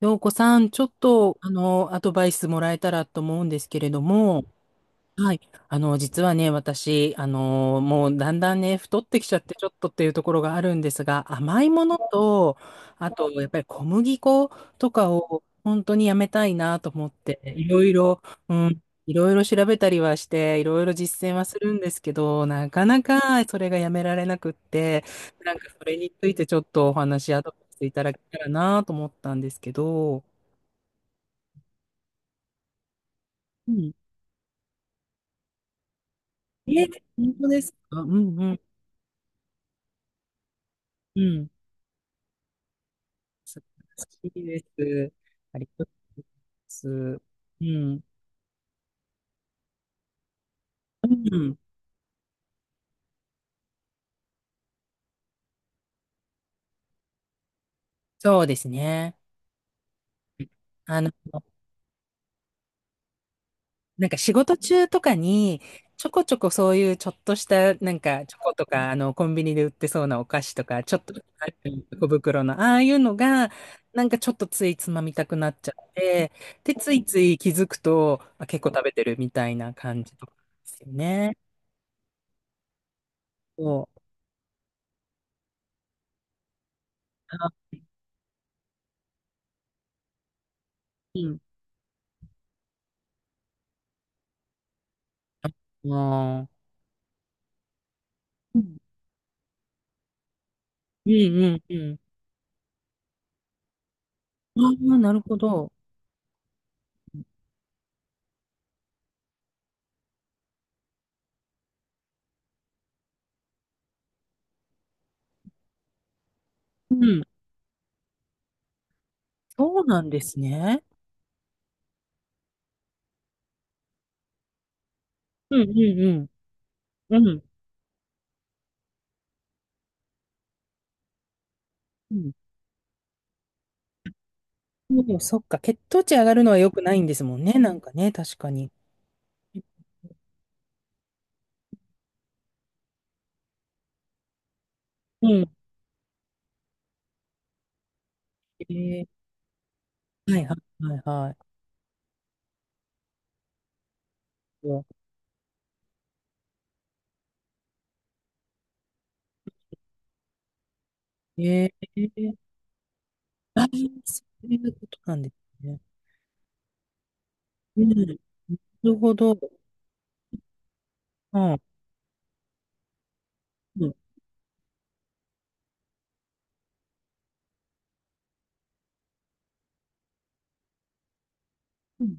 陽子さん、ちょっと、アドバイスもらえたらと思うんですけれども。はい。実はね、私、もうだんだんね、太ってきちゃって、ちょっとっていうところがあるんですが、甘いものと、あと、やっぱり小麦粉とかを本当にやめたいなと思って、いろいろ、うん、いろいろ調べたりはして、いろいろ実践はするんですけど、なかなかそれがやめられなくって、なんかそれについてちょっとお話、アドバイスいただけたらなと思ったんですけど。うん。え、本当ですか？うんうんうん。好きです。ありがとうございます。うん。うん。そうですね。あの、なんか仕事中とかに、ちょこちょこそういうちょっとした、なんかチョコとか、コンビニで売ってそうなお菓子とか、ちょっと小袋の、ああいうのが、なんかちょっとついつまみたくなっちゃって、で、ついつい気づくと、あ、結構食べてるみたいな感じとかですよね。そう。あ、うん、ああ、うん。うんうんうん。ああ、なるほど。うん、そうなんですね。うんうんうん。うん。うん。もうそっか、血糖値上がるのは良くないんですもんね。なんかね、確かに。うん。ええ、はいはいはいはい。ええ、ああー、そういうことなんですね。うん。なるほど。うん。うん、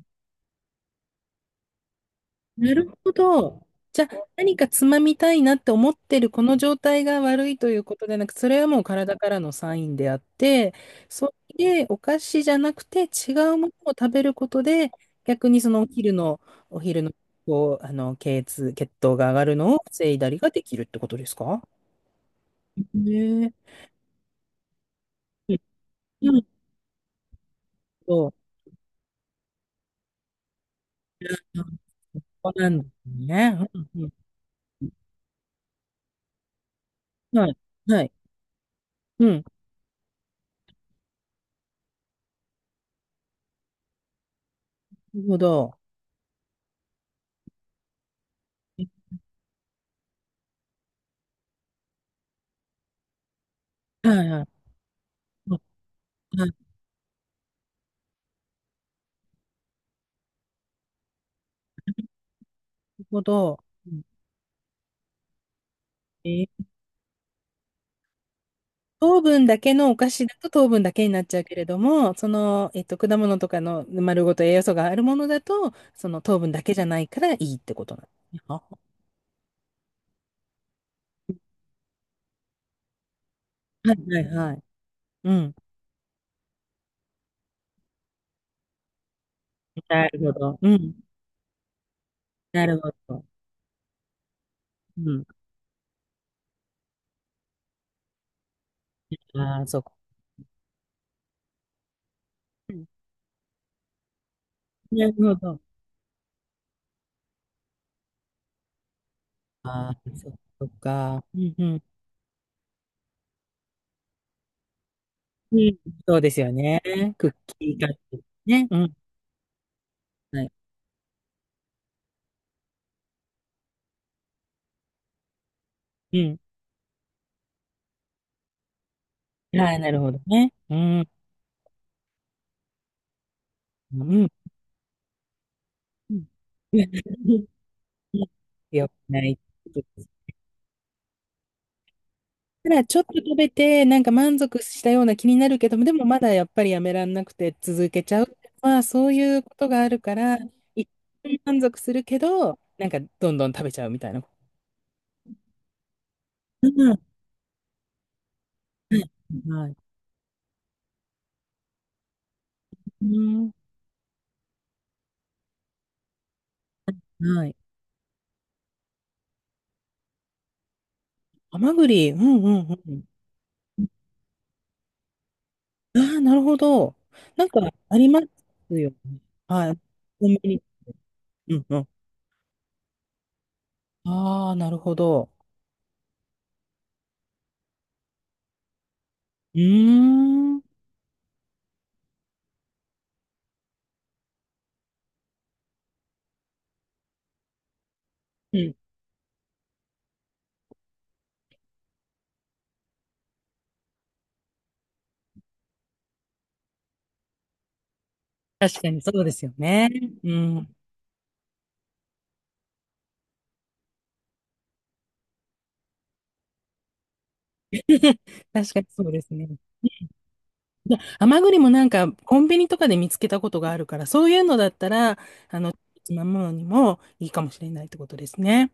なるほど。じゃあ、何かつまみたいなって思ってるこの状態が悪いということでなく、それはもう体からのサインであって、それでお菓子じゃなくて違うものを食べることで、逆にそのお昼の、お昼の、こう、血圧、血糖が上がるのを防いだりができるってことですかねえ？うん、そう。そうなんですね。うんうん。はい。はい。うん。なるほど。はいはい。うん、なるほど。うん、え糖分だけのお菓子だと糖分だけになっちゃうけれども、その、果物とかの丸ごと栄養素があるものだと、その糖分だけじゃないからいいってことなんですね。あ、はいはいはい。うん。なるほど。うん。なるほど。うん。ああ、そうか。うん、なるほど。ああ、そっか。うんうん。うん。そうですよね。クッキー買ってね。うん。はい。うん。はい、なるほどね。うん。うん。うん。よくない。ただちょっと食べて、なんか満足したような気になるけども、でもまだやっぱりやめらんなくて続けちゃう。まあそういうことがあるから、一旦満足するけど、なんかどんどん食べちゃうみたいな。うん、はい。はい。うん、はい。ハマグリ、うんうんうん。ああ、なるほど。なんかありますよね。はい。コンビニ。うんうん。ああ、なるほど。うーん。うん。確かにそうですよね。うん。確かにそうですね。で、甘栗もなんかコンビニとかで見つけたことがあるから、そういうのだったら、あの、つまむのにもいいかもしれないってことですね。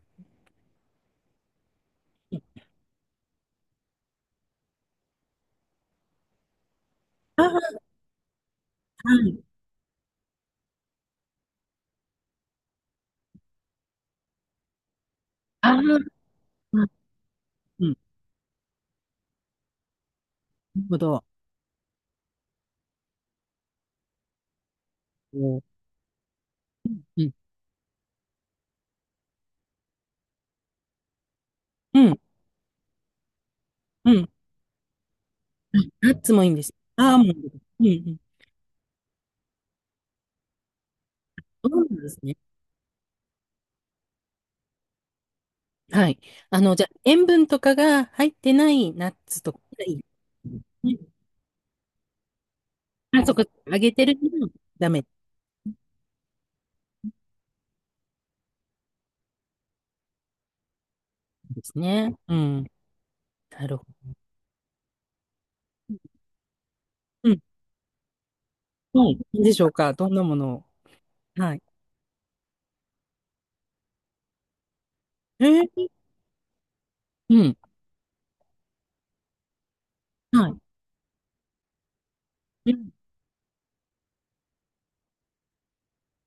ああ、はい。ああ、うん、うん。なるほど。おー、うん。うん。うん。ナッツもいいんです。アーモンド。うんうん。そうなんですね。はい。じゃあ、塩分とかが入ってないナッツとかがいいですね。あ、そこ、揚げてるのはダメですね。うん。なるほど。うん。はい。いいでしょうか。どんなものを？はい。えー、うん。はい。うん。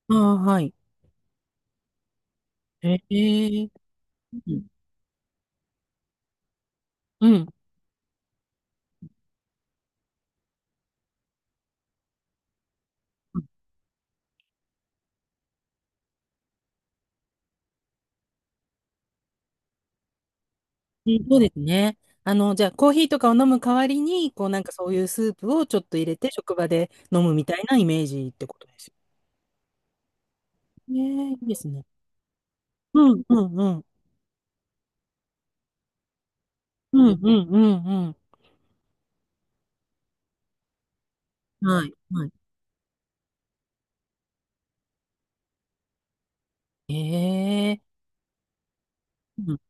ああ、はい。ええ、うん。うん。うん、そうですね。じゃあ、コーヒーとかを飲む代わりに、こう、なんかそういうスープをちょっと入れて、職場で飲むみたいなイメージってことですよね。いいですね。うん、うん、うん。うん、うん、うん、うん。はい、はい。ええ、うん。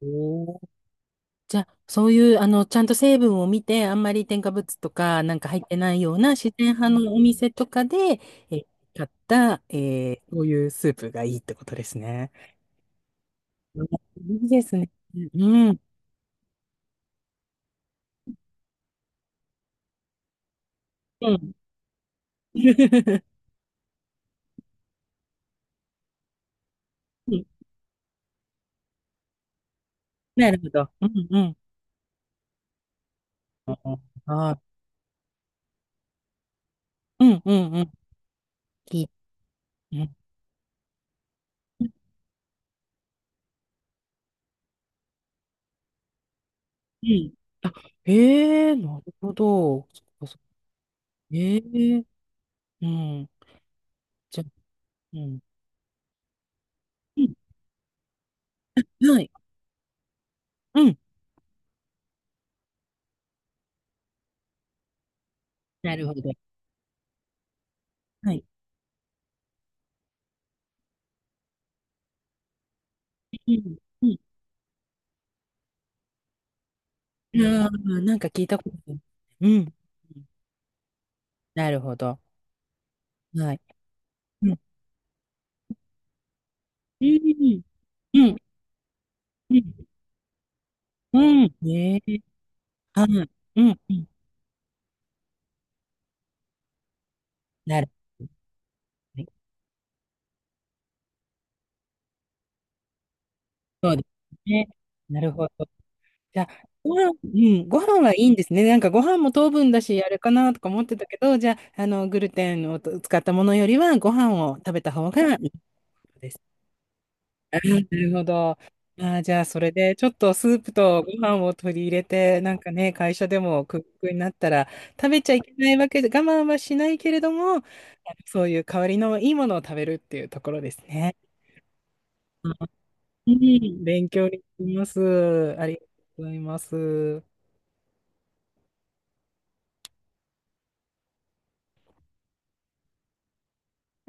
おー、じゃあ、そういう、ちゃんと成分を見て、あんまり添加物とかなんか入ってないような自然派のお店とかで、えー買った、こういうスープがいいってことですね。うん、いいですね。うん。うん。うん、なるほど。うんうん。あー、うんうんうん。き、うん。うん。あ、ええー、なるほど。そっかそっか、ええー、うん。じゃあ、うん。うん、はい。うん。なるほど。はい。うん。うんうん、なんか聞いたことある。うん。なるほど。はい。うん。うん。うん。うん。うん、ねえ。はい。うん。うん。なるほど。そうですね。なるほど。じゃあ、ご飯、うん、ご飯はいいんですね。なんかご飯も糖分だし、あれかなとか思ってたけど、じゃあ、グルテンを使ったものよりは、ご飯を食べた方がいいですね。なるほど。ああ、じゃあ、それで、ちょっとスープとご飯を取り入れて、なんかね、会社でもクックになったら、食べちゃいけないわけで、我慢はしないけれども、そういう代わりのいいものを食べるっていうところですね。うん、勉強になります。ありがとうございます。